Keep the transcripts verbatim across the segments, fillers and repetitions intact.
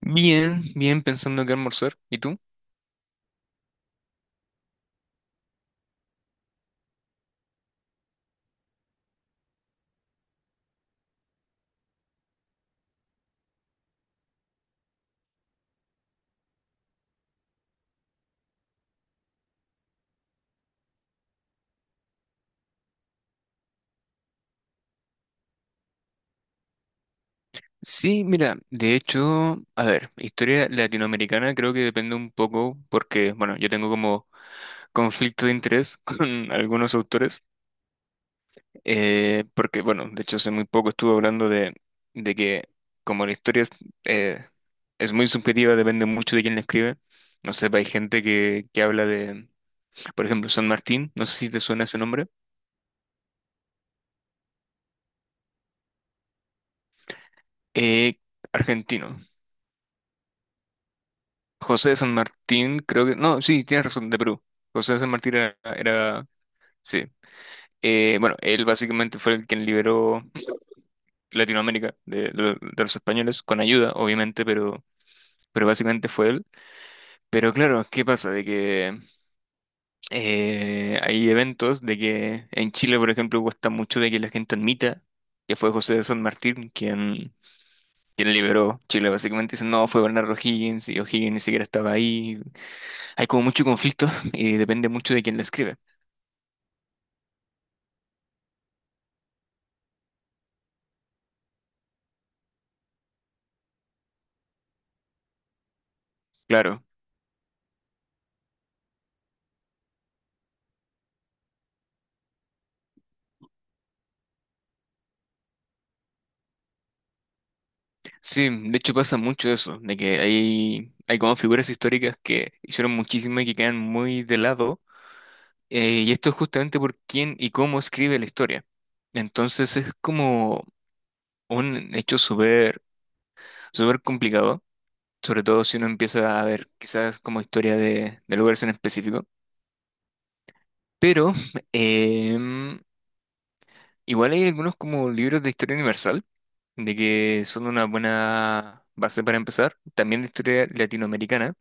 Bien, bien, pensando que almorzar. ¿Y tú? Sí, mira, de hecho, a ver, historia latinoamericana creo que depende un poco porque, bueno, yo tengo como conflicto de interés con algunos autores, eh, porque, bueno, de hecho hace muy poco estuve hablando de, de que como la historia eh, es muy subjetiva, depende mucho de quién la escribe. No sé, hay gente que, que habla de, por ejemplo, San Martín, no sé si te suena ese nombre, eh, argentino. José de San Martín, creo que. No, sí, tienes razón, de Perú. José de San Martín era. era- sí. Eh, bueno, él básicamente fue el quien liberó Latinoamérica de, de- de los españoles, con ayuda, obviamente, pero, pero básicamente fue él. Pero claro, ¿qué pasa? De que eh, hay eventos de que en Chile, por ejemplo, cuesta mucho de que la gente admita que fue José de San Martín quien, quien liberó Chile. Básicamente dicen, no, fue Bernardo Higgins y O'Higgins ni siquiera estaba ahí. Hay como mucho conflicto y depende mucho de quién lo escribe. Claro, sí, de hecho pasa mucho eso, de que hay, hay como figuras históricas que hicieron muchísimo y que quedan muy de lado, eh, y esto es justamente por quién y cómo escribe la historia. Entonces es como un hecho súper súper complicado, sobre todo si uno empieza a ver quizás como historia de, de lugares en específico, pero em, igual hay algunos como libros de historia universal, de que son una buena base para empezar, también de historia latinoamericana.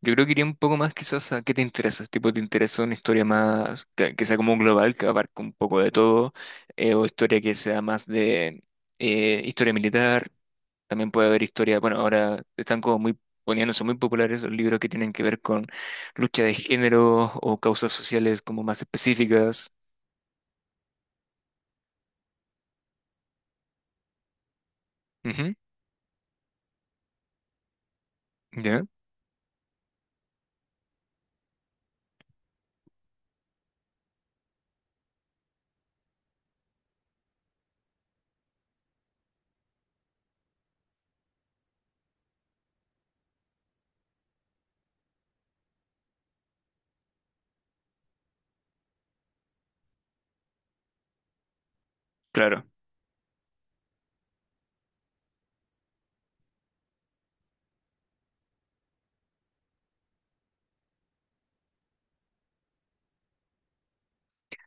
Yo creo que iría un poco más quizás a qué te interesa, tipo te interesa una historia más que, que sea como global, que abarque un poco de todo, eh, o historia que sea más de eh, historia militar, también puede haber historia, bueno, ahora están como muy poniéndose muy populares los libros que tienen que ver con lucha de género o causas sociales como más específicas. Ujú, ¿ya? Claro.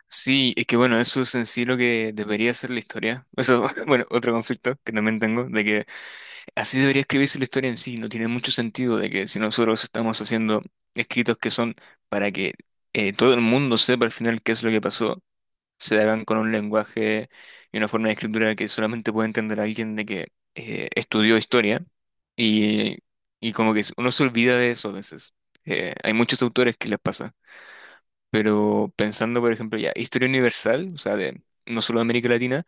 Sí, es que bueno, eso es en sí lo que debería ser la historia. Eso, bueno, otro conflicto que también tengo, de que así debería escribirse la historia en sí, no tiene mucho sentido de que si nosotros estamos haciendo escritos que son para que eh, todo el mundo sepa al final qué es lo que pasó, se hagan con un lenguaje y una forma de escritura que solamente puede entender alguien de que eh, estudió historia y, y como que uno se olvida de eso a veces. Eh, hay muchos autores que les pasa, pero pensando por ejemplo ya, historia universal, o sea, de no solo de América Latina,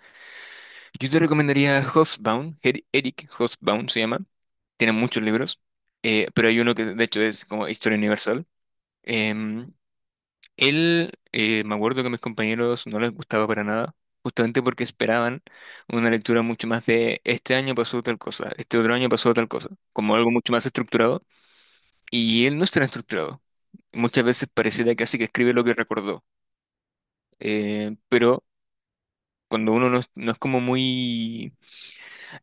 yo te recomendaría Hobsbawm, Eri- Eric Hobsbawm se llama. Tiene muchos libros, eh, pero hay uno que de hecho es como Historia Universal. Em, él, eh, me acuerdo que a mis compañeros no les gustaba para nada, justamente porque esperaban una lectura mucho más de este año pasó tal cosa, este otro año pasó tal cosa, como algo mucho más estructurado, y él no está estructurado. Muchas veces pareciera casi que escribe lo que recordó, eh, pero cuando uno no es no es como muy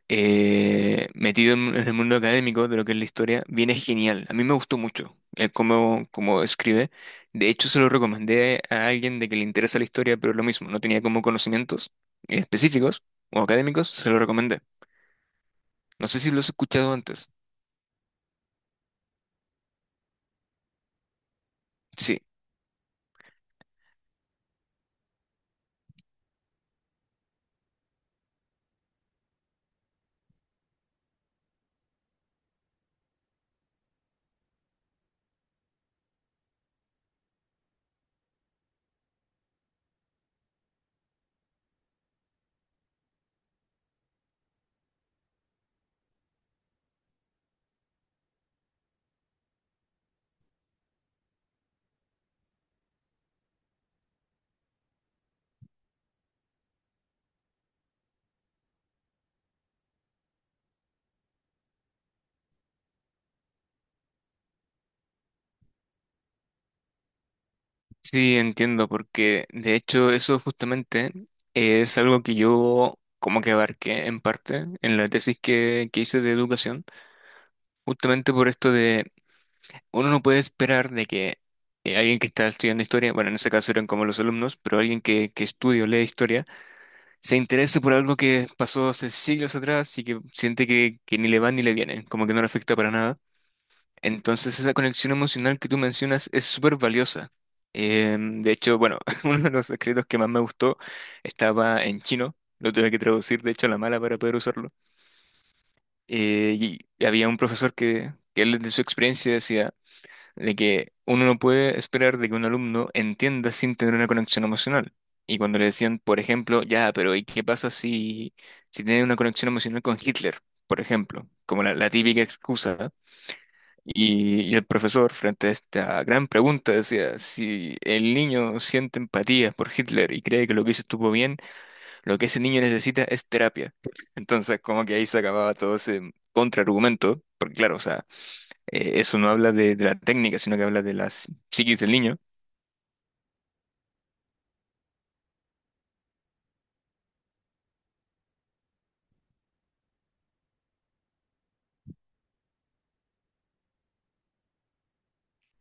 eh, metido en, en el mundo académico de lo que es la historia, viene genial. A mí me gustó mucho eh, cómo, cómo escribe. De hecho, se lo recomendé a alguien de que le interesa la historia, pero lo mismo, no tenía como conocimientos específicos o académicos, se lo recomendé. No sé si lo has escuchado antes. Sí, sí, entiendo, porque de hecho eso justamente es algo que yo como que abarqué en parte en la tesis que, que hice de educación, justamente por esto uno no puede esperar de que eh, alguien que está estudiando historia, bueno, en ese caso eran como los alumnos, pero alguien que, que estudia o lee historia, se interese por algo que pasó hace siglos atrás y que siente que, que ni le va ni le viene, como que no le afecta para nada. Entonces esa conexión emocional que tú mencionas es súper valiosa. Eh, de hecho, bueno, uno de los escritos que más me gustó estaba en chino, lo tuve que traducir, de hecho, a la mala para poder usarlo. Eh, y había un profesor que, que él de su experiencia decía de que uno no puede esperar de que un alumno entienda sin tener una conexión emocional. Y cuando le decían, por ejemplo, ya, pero ¿y qué pasa si, si tiene una conexión emocional con Hitler, por ejemplo? Como la, la típica excusa. Y, y el profesor, frente a esta gran pregunta, decía, si el niño siente empatía por Hitler y cree que lo que hizo estuvo bien, lo que ese niño necesita es terapia. Entonces, como que ahí se acababa todo ese contraargumento, porque claro, o sea, eh, eso no habla de, de la técnica, sino que habla de las psiquis del niño.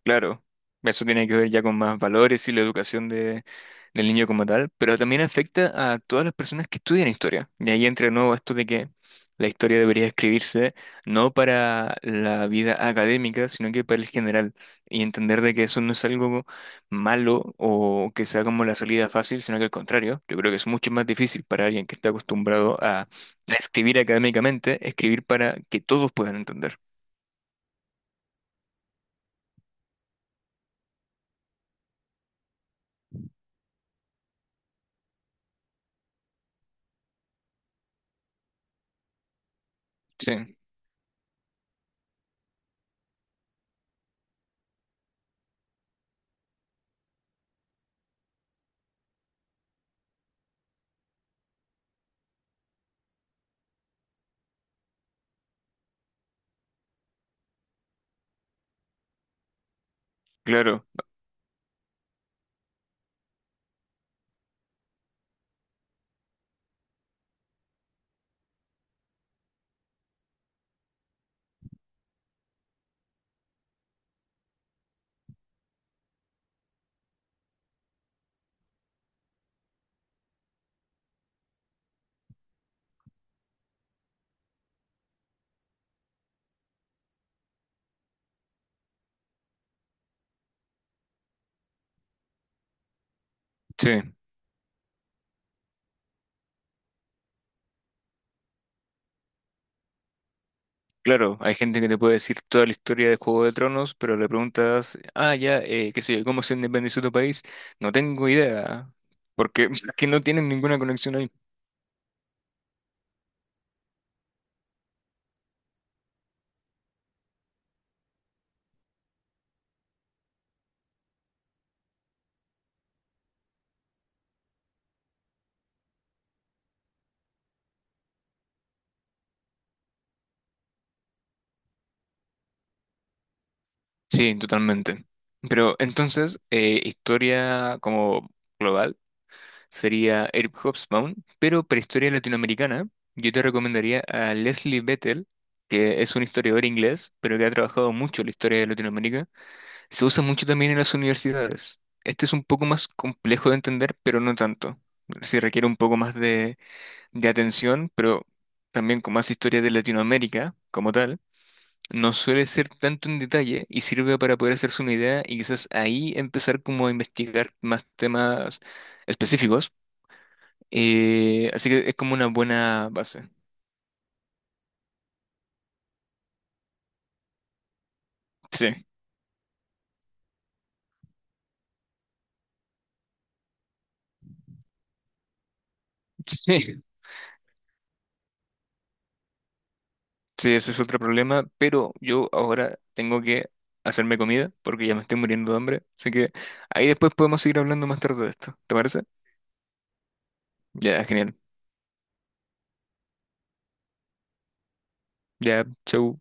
Claro, eso tiene que ver ya con más valores y la educación de, del niño como tal, pero también afecta a todas las personas que estudian historia. Y ahí entra de nuevo esto de que la historia debería escribirse no para la vida académica, sino que para el general. Y entender de que eso no es algo malo o que sea como la salida fácil, sino que al contrario, yo creo que es mucho más difícil para alguien que está acostumbrado a a escribir académicamente, escribir para que todos puedan entender. Sí, claro, sí. Claro, hay gente que te puede decir toda la historia de Juego de Tronos, pero le preguntas, ah, ya, eh, qué sé yo, ¿cómo se independizó tu país? No tengo idea, porque que no tienen ninguna conexión ahí. Sí, totalmente. Pero entonces, eh, historia como global sería Eric Hobsbawm, pero para historia latinoamericana, yo te recomendaría a Leslie Bethel, que es un historiador inglés, pero que ha trabajado mucho la historia de Latinoamérica. Se usa mucho también en las universidades. Este es un poco más complejo de entender, pero no tanto. Sí requiere un poco más de, de atención, pero también con más historia de Latinoamérica como tal. No suele ser tanto en detalle y sirve para poder hacerse una idea y quizás ahí empezar como a investigar más temas específicos. Eh, así que es como una buena base. Sí. Sí. Sí, ese es otro problema, pero yo ahora tengo que hacerme comida porque ya me estoy muriendo de hambre. Así que ahí después podemos seguir hablando más tarde de esto. ¿Te parece? Ya, genial. Ya, chau.